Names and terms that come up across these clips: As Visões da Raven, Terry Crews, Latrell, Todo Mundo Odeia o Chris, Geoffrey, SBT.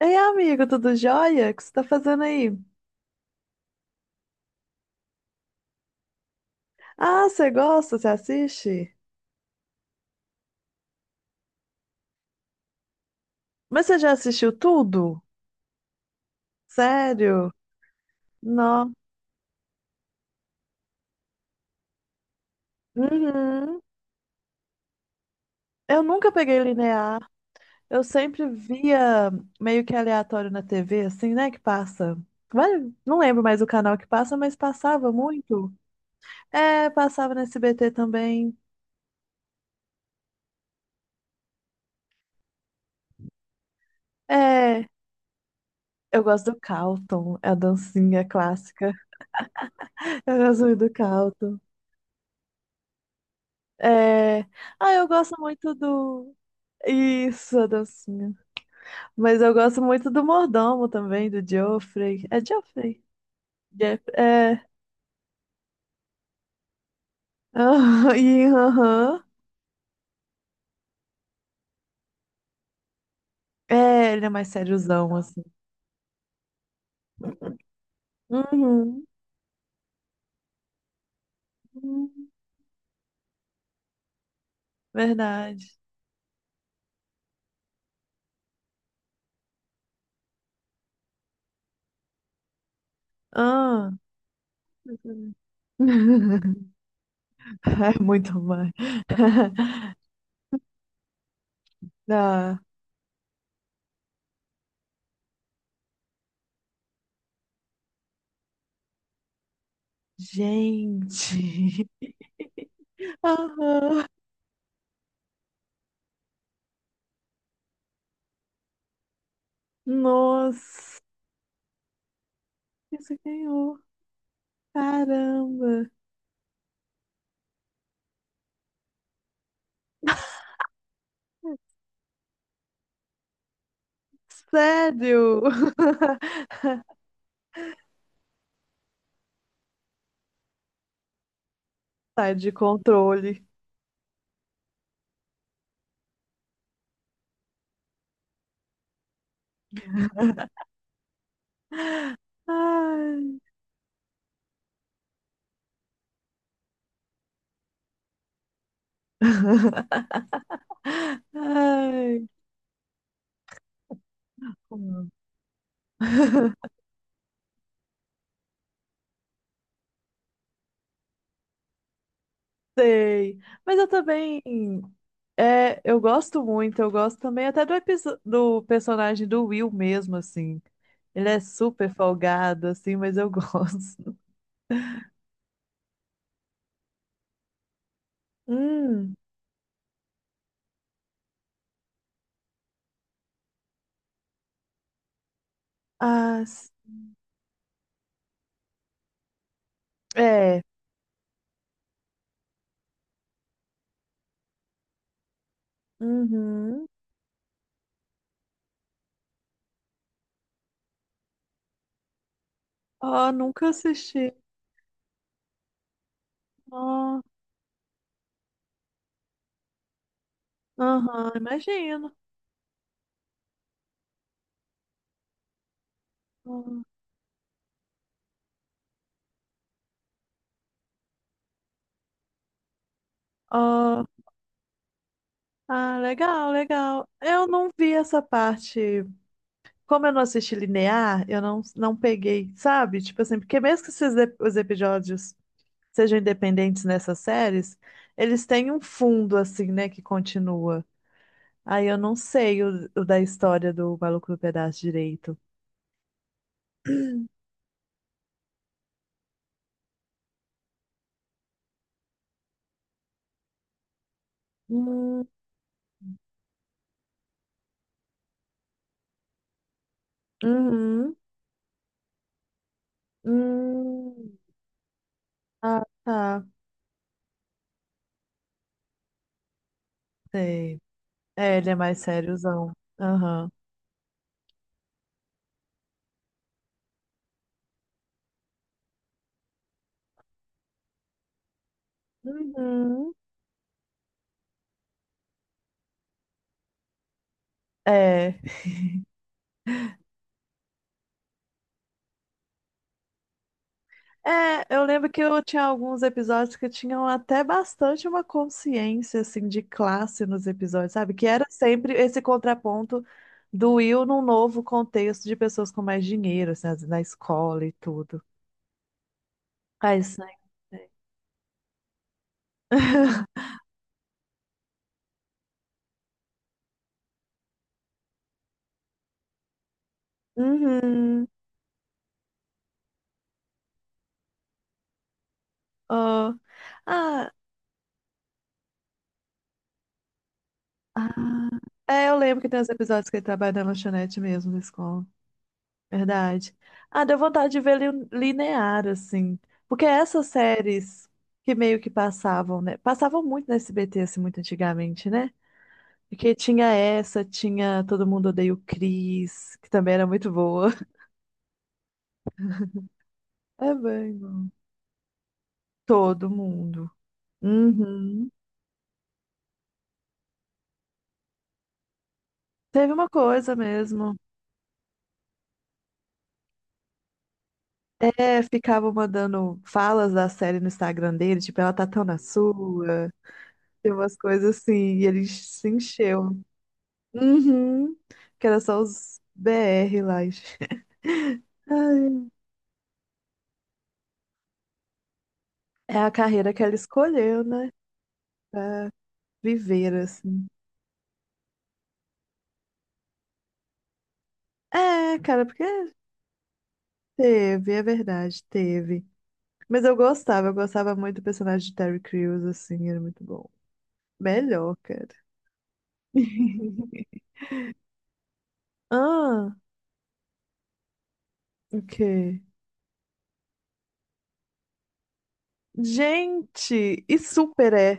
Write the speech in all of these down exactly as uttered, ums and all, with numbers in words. Ei, amigo, tudo jóia? O que você tá fazendo aí? Ah, você gosta? Você assiste? Mas você já assistiu tudo? Sério? Não. Uhum. Eu nunca peguei linear. Eu sempre via meio que aleatório na T V, assim, né? Que passa. Vai- Não lembro mais o canal que passa, mas passava muito. É, passava no S B T também. É, eu gosto do calton é a dancinha clássica. Eu gosto muito do calton. É. Ah, eu gosto muito do. Isso, a dancinha. Mas eu gosto muito do mordomo também, do Geoffrey. É Geoffrey? Jeff- É. Aham, e aham. É, ele é mais sériozão, assim. Uhum. Hum, verdade. Ah. É muito mais. Ah, gente. Aham. Nossa. Isso ganhou. Caramba. Sério? Sai de controle. Ai, ai. como- Sei. Mas eu também. É, eu gosto muito, eu gosto também até do, episo- do personagem do Will mesmo, assim. Ele é super folgado, assim, mas eu gosto. Hum, as, é. Uhum. Ó, nunca assisti. Ah, aham, imagino. Ó, ó, ah, legal, legal. Eu não vi essa parte. Como eu não assisti linear, eu não, não peguei, sabe? Tipo assim, porque mesmo que esses ep- os episódios sejam independentes nessas séries, eles têm um fundo, assim, né, que continua. Aí eu não sei o, o da história do Maluco do Pedaço direito. Hum, uhum, hum. Ah, tá, sei. É, ele é mais sériozão. Aham. Uhum. É. É, eu lembro que eu tinha alguns episódios que tinham até bastante uma consciência, assim, de classe nos episódios, sabe? Que era sempre esse contraponto do Will num novo contexto de pessoas com mais dinheiro, assim, as- na escola e tudo. Ah, isso aí. Uhum. Oh. Ah, ah. É, eu lembro que tem os episódios que ele trabalha na lanchonete mesmo da escola. Verdade. Ah, deu vontade de ver li- linear, assim. Porque essas séries que meio que passavam, né? Passavam muito na S B T, assim, muito antigamente, né? Porque tinha essa, tinha Todo Mundo Odeia o Chris, que também era muito boa. É bem. Bom. Todo mundo. Uhum. Teve uma coisa mesmo. É, ficavam mandando falas da série no Instagram dele, tipo, ela tá tão na sua. Tem umas coisas assim, e ele se encheu. Uhum. Que era só os B R lá. Gente. Ai, é a carreira que ela escolheu, né? Pra viver, assim. É, cara, porque teve, é verdade, teve. Mas eu gostava, eu gostava muito do personagem de Terry Crews, assim, era muito bom. Melhor, cara. Ah, o quê? Gente, e super é.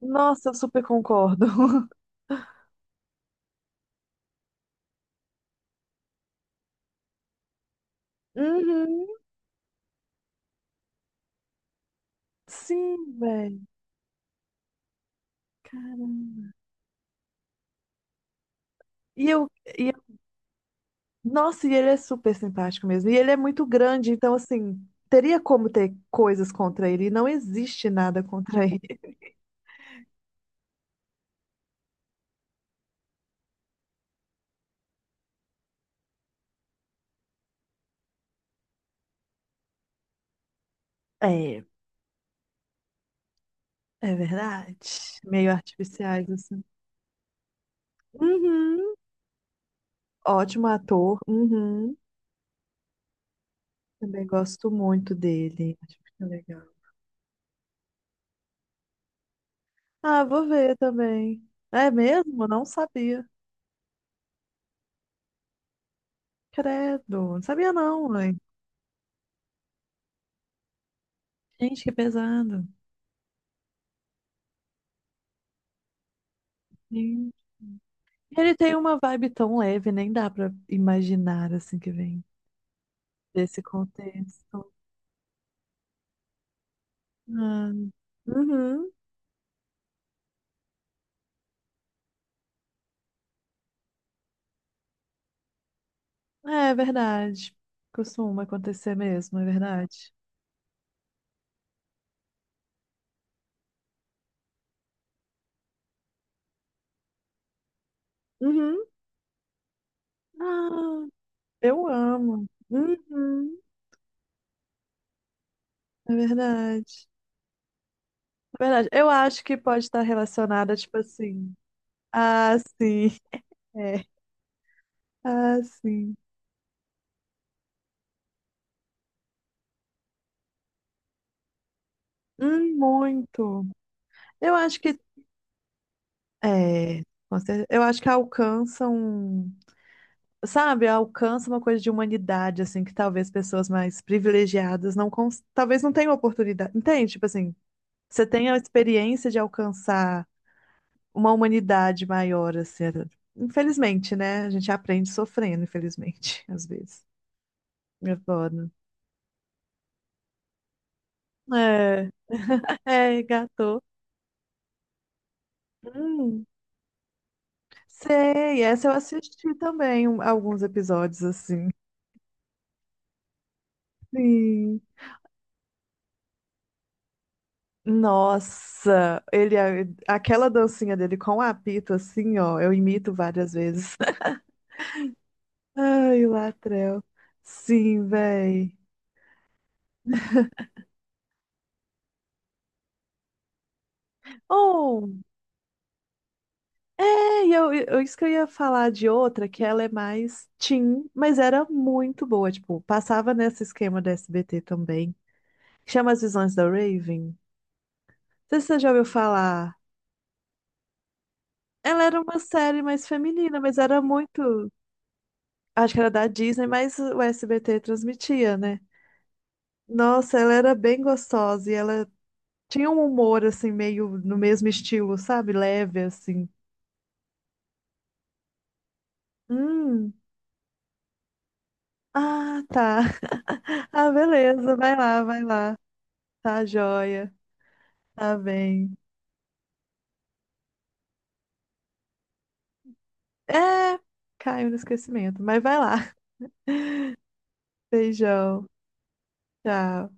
Nossa, eu super concordo. Uhum, sim, velho. Caramba. E eu, e Nossa, e ele é super simpático mesmo. E ele é muito grande, então, assim, teria como ter coisas contra ele. E não existe nada contra ele. É, é verdade. Meio artificiais, assim. Uhum. Ótimo ator. Uhum. Também gosto muito dele. Acho que é legal. Ah, vou ver também. É mesmo? Não sabia. Credo. Não sabia, não, mãe. Gente, que pesado. Sim. Ele tem uma vibe tão leve, nem dá pra imaginar assim que vem. Desse contexto. Ah, uhum. É é verdade. Costuma acontecer mesmo, é verdade. Uhum. Ah, eu amo. Uhum. É verdade. É verdade. Eu acho que pode estar relacionada, tipo assim. Ah, sim. É. Ah, sim. Hum, muito. Eu acho que. É. com cer- Eu acho que alcançam. Sabe, alcança uma coisa de humanidade, assim, que talvez pessoas mais privilegiadas não, cons- talvez não tenham oportunidade, entende? Tipo assim, você tem a experiência de alcançar uma humanidade maior, assim, é, infelizmente, né? A gente aprende sofrendo, infelizmente, às vezes. É foda. É, é, gato. Hum, sei, essa eu assisti também um- alguns episódios, assim. Sim. Nossa, ele é, aquela dancinha dele com o apito assim, ó, eu imito várias vezes. Ai, o Latrell. Sim, véi. Oh, é, e eu, eu, isso que eu ia falar de outra, que ela é mais teen, mas era muito boa, tipo, passava nesse esquema da S B T também. Chama As Visões da Raven. Não sei se você já ouviu falar. Ela era uma série mais feminina, mas era muito, acho que era da Disney, mas o S B T transmitia, né? Nossa, ela era bem gostosa e ela tinha um humor assim meio no mesmo estilo, sabe? Leve assim. Hum. Ah, tá. Ah, beleza. Vai lá, vai lá. Tá joia. Tá bem. É, caiu no esquecimento, mas vai lá. Beijão. Tchau.